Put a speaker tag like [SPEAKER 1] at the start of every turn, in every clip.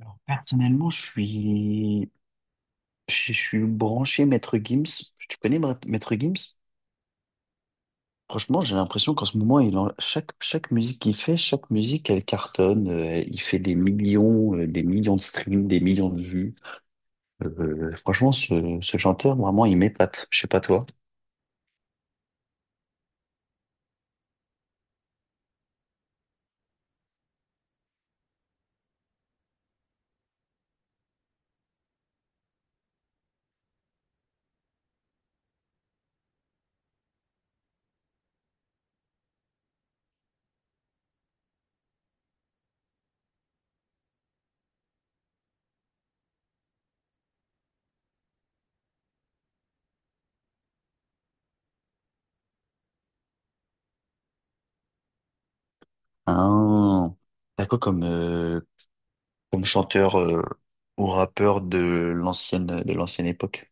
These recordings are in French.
[SPEAKER 1] Alors, personnellement, je suis branché Maître Gims. Tu connais Maître Gims? Franchement, j'ai l'impression qu'en ce moment, chaque musique qu'il fait, chaque musique, elle cartonne. Il fait des millions de streams, des millions de vues. Franchement, ce chanteur, vraiment, il m'épate. Je sais pas toi. Hein, t'as quoi comme, comme chanteur ou rappeur de l'ancienne époque?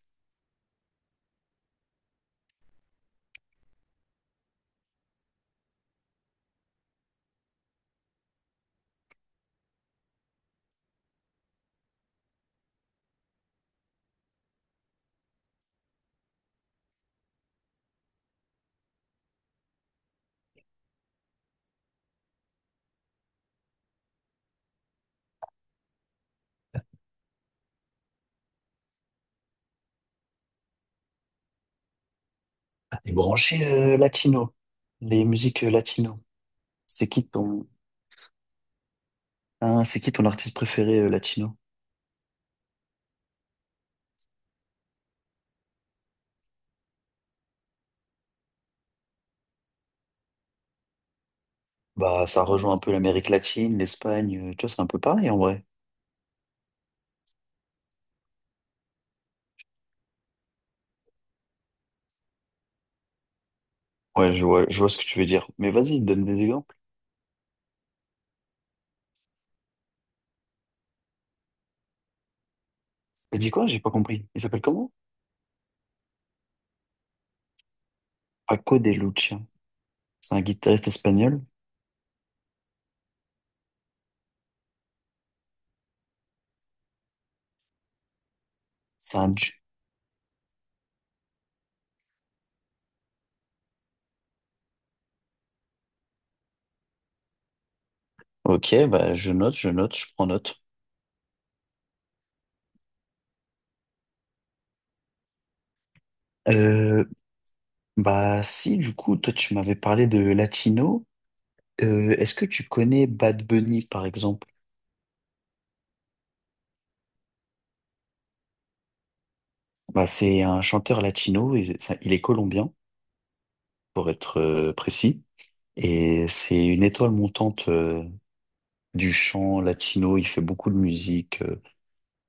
[SPEAKER 1] T'es branché latino, les musiques latino. C'est qui ton... Ah, c'est qui ton artiste préféré latino? Bah, ça rejoint un peu l'Amérique latine, l'Espagne, tu vois, c'est un peu pareil en vrai. Ouais, je vois ce que tu veux dire. Mais vas-y, donne des exemples. T'as dit quoi? J'ai pas compris. Il s'appelle comment? Paco de Lucia. C'est un guitariste espagnol. C'est un... du- Ok, bah, je note, je note, je prends note. Euh, Bah, si, du coup, toi, tu m'avais parlé de latino. Est-ce que tu connais Bad Bunny, par exemple? Bah, c'est un chanteur latino, il est colombien, pour être précis. Et c'est une étoile montante du chant latino. Il fait beaucoup de musique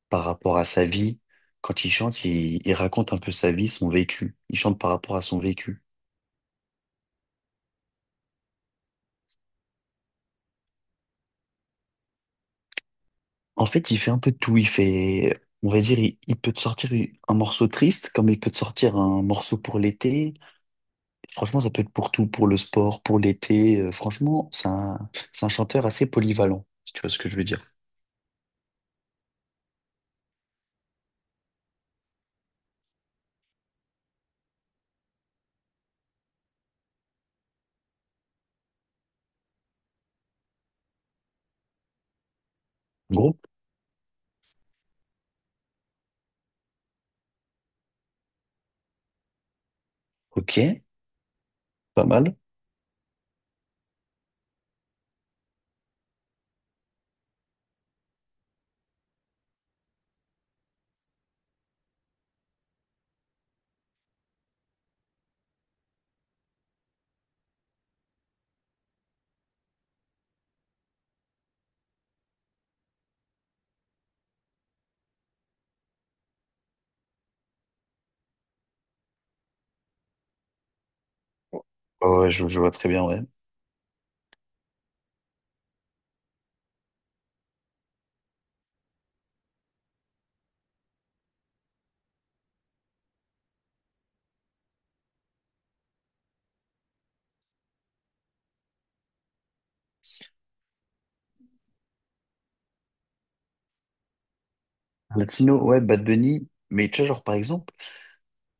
[SPEAKER 1] par rapport à sa vie. Quand il chante, il raconte un peu sa vie, son vécu. Il chante par rapport à son vécu. En fait, il fait un peu de tout. Il fait, on va dire, il peut te sortir un morceau triste, comme il peut te sortir un morceau pour l'été. Franchement, ça peut être pour tout, pour le sport, pour l'été. Franchement, c'est un chanteur assez polyvalent, si tu vois ce que je veux dire. Gros, ok, pas mal. Ouais, ouais, je vois très bien, ouais. Latino, ouais, Bad Bunny. Mais tu vois, genre, par exemple,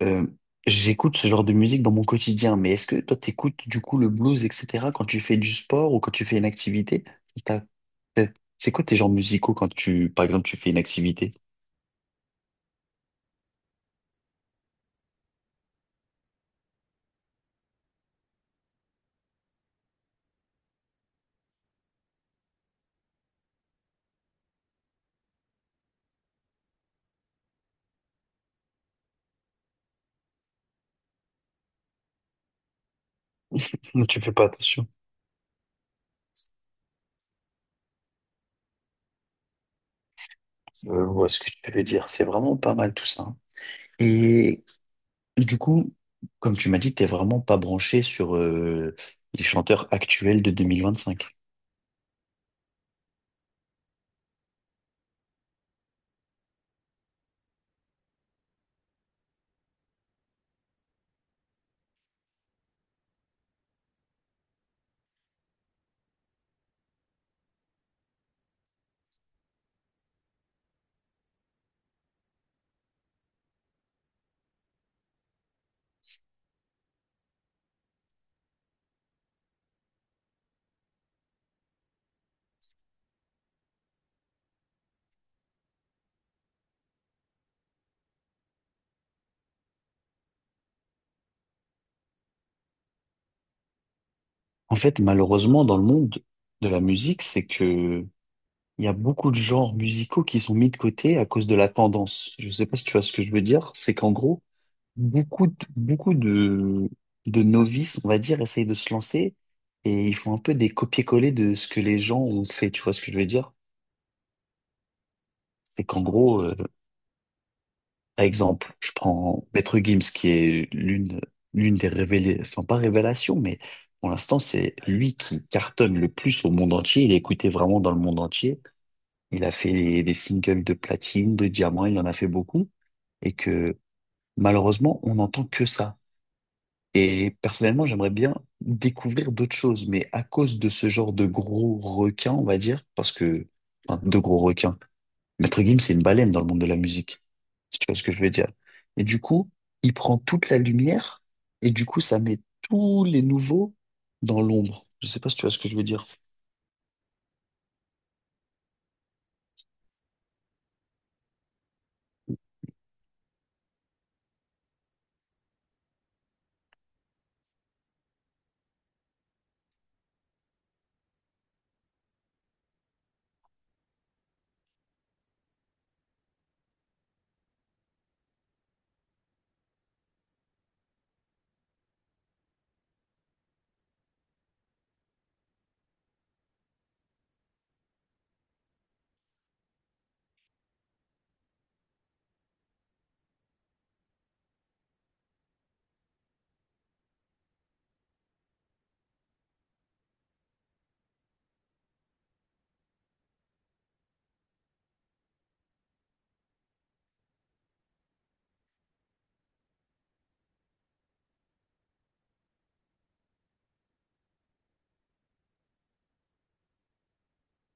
[SPEAKER 1] euh, j'écoute ce genre de musique dans mon quotidien. Mais est-ce que toi, t'écoutes du coup le blues, etc., quand tu fais du sport ou quand tu fais une activité? T'as- t'as- C'est quoi tes genres musicaux quand tu, par exemple, tu fais une activité? Tu fais pas attention. Je vois ce que tu veux dire. C'est vraiment pas mal tout ça, hein. Et du coup, comme tu m'as dit, t'es vraiment pas branché sur les chanteurs actuels de 2025. En fait, malheureusement, dans le monde de la musique, c'est que il y a beaucoup de genres musicaux qui sont mis de côté à cause de la tendance. Je sais pas si tu vois ce que je veux dire. C'est qu'en gros, beaucoup de, beaucoup de, de novices, on va dire, essayent de se lancer et ils font un peu des copier-coller de ce que les gens ont fait. Tu vois ce que je veux dire? C'est qu'en gros, euh, Par exemple, je prends Maître Gims, qui est l'une des révélations, enfin pas révélation, mais pour l'instant, c'est lui qui cartonne le plus au monde entier. Il est écouté vraiment dans le monde entier. Il a fait des singles de platine, de diamant, il en a fait beaucoup. Et que malheureusement, on n'entend que ça. Et personnellement, j'aimerais bien découvrir d'autres choses, mais à cause de ce genre de gros requins, on va dire, parce que, enfin, de gros requins, Maître Gims, c'est une baleine dans le monde de la musique, si tu vois ce que je veux dire. Et du coup, il prend toute la lumière, et du coup, ça met tous les nouveaux dans l'ombre. Je sais pas si tu vois ce que je veux dire.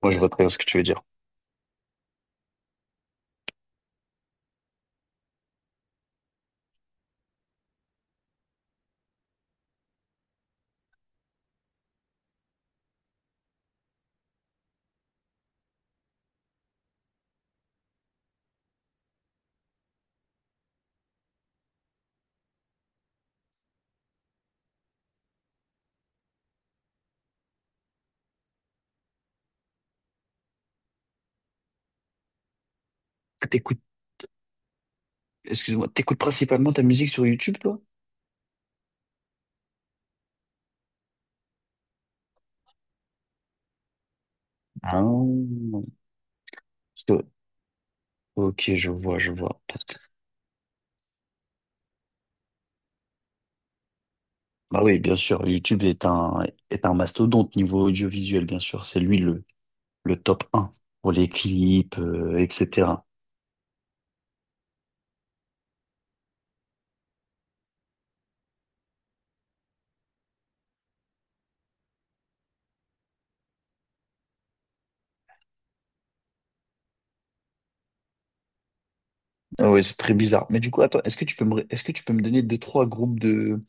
[SPEAKER 1] Moi, je vois très bien ce que tu veux dire. T'écoutes, excuse-moi, t'écoutes principalement ta musique sur YouTube, toi? Ah, parce que- ok, je vois, je vois. Parce que, bah oui, bien sûr, YouTube est un mastodonte niveau audiovisuel, bien sûr. C'est lui le top un pour les clips, etc. Ah ouais, c'est très bizarre. Mais du coup, attends, est-ce que tu peux me donner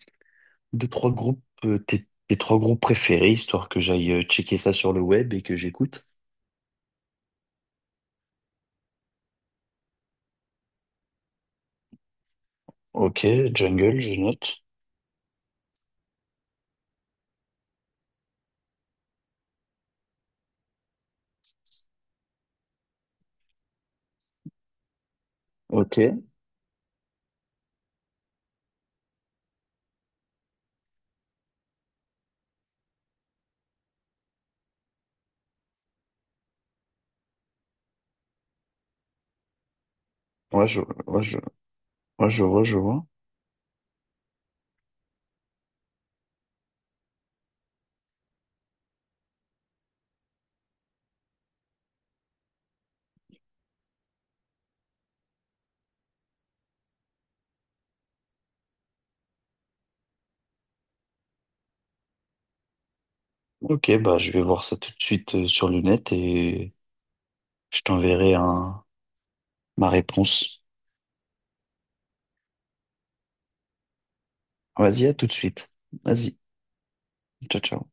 [SPEAKER 1] deux, trois groupes, euh, tes trois groupes préférés, histoire que j'aille checker ça sur le web et que j'écoute? Ok, jungle, je note. Ok, ouais, je, ouais, je, ouais, je vois, je vois. Ok, bah, je vais voir ça tout de suite sur le net et je t'enverrai un, ma réponse. Vas-y, à tout de suite. Vas-y, ciao, ciao.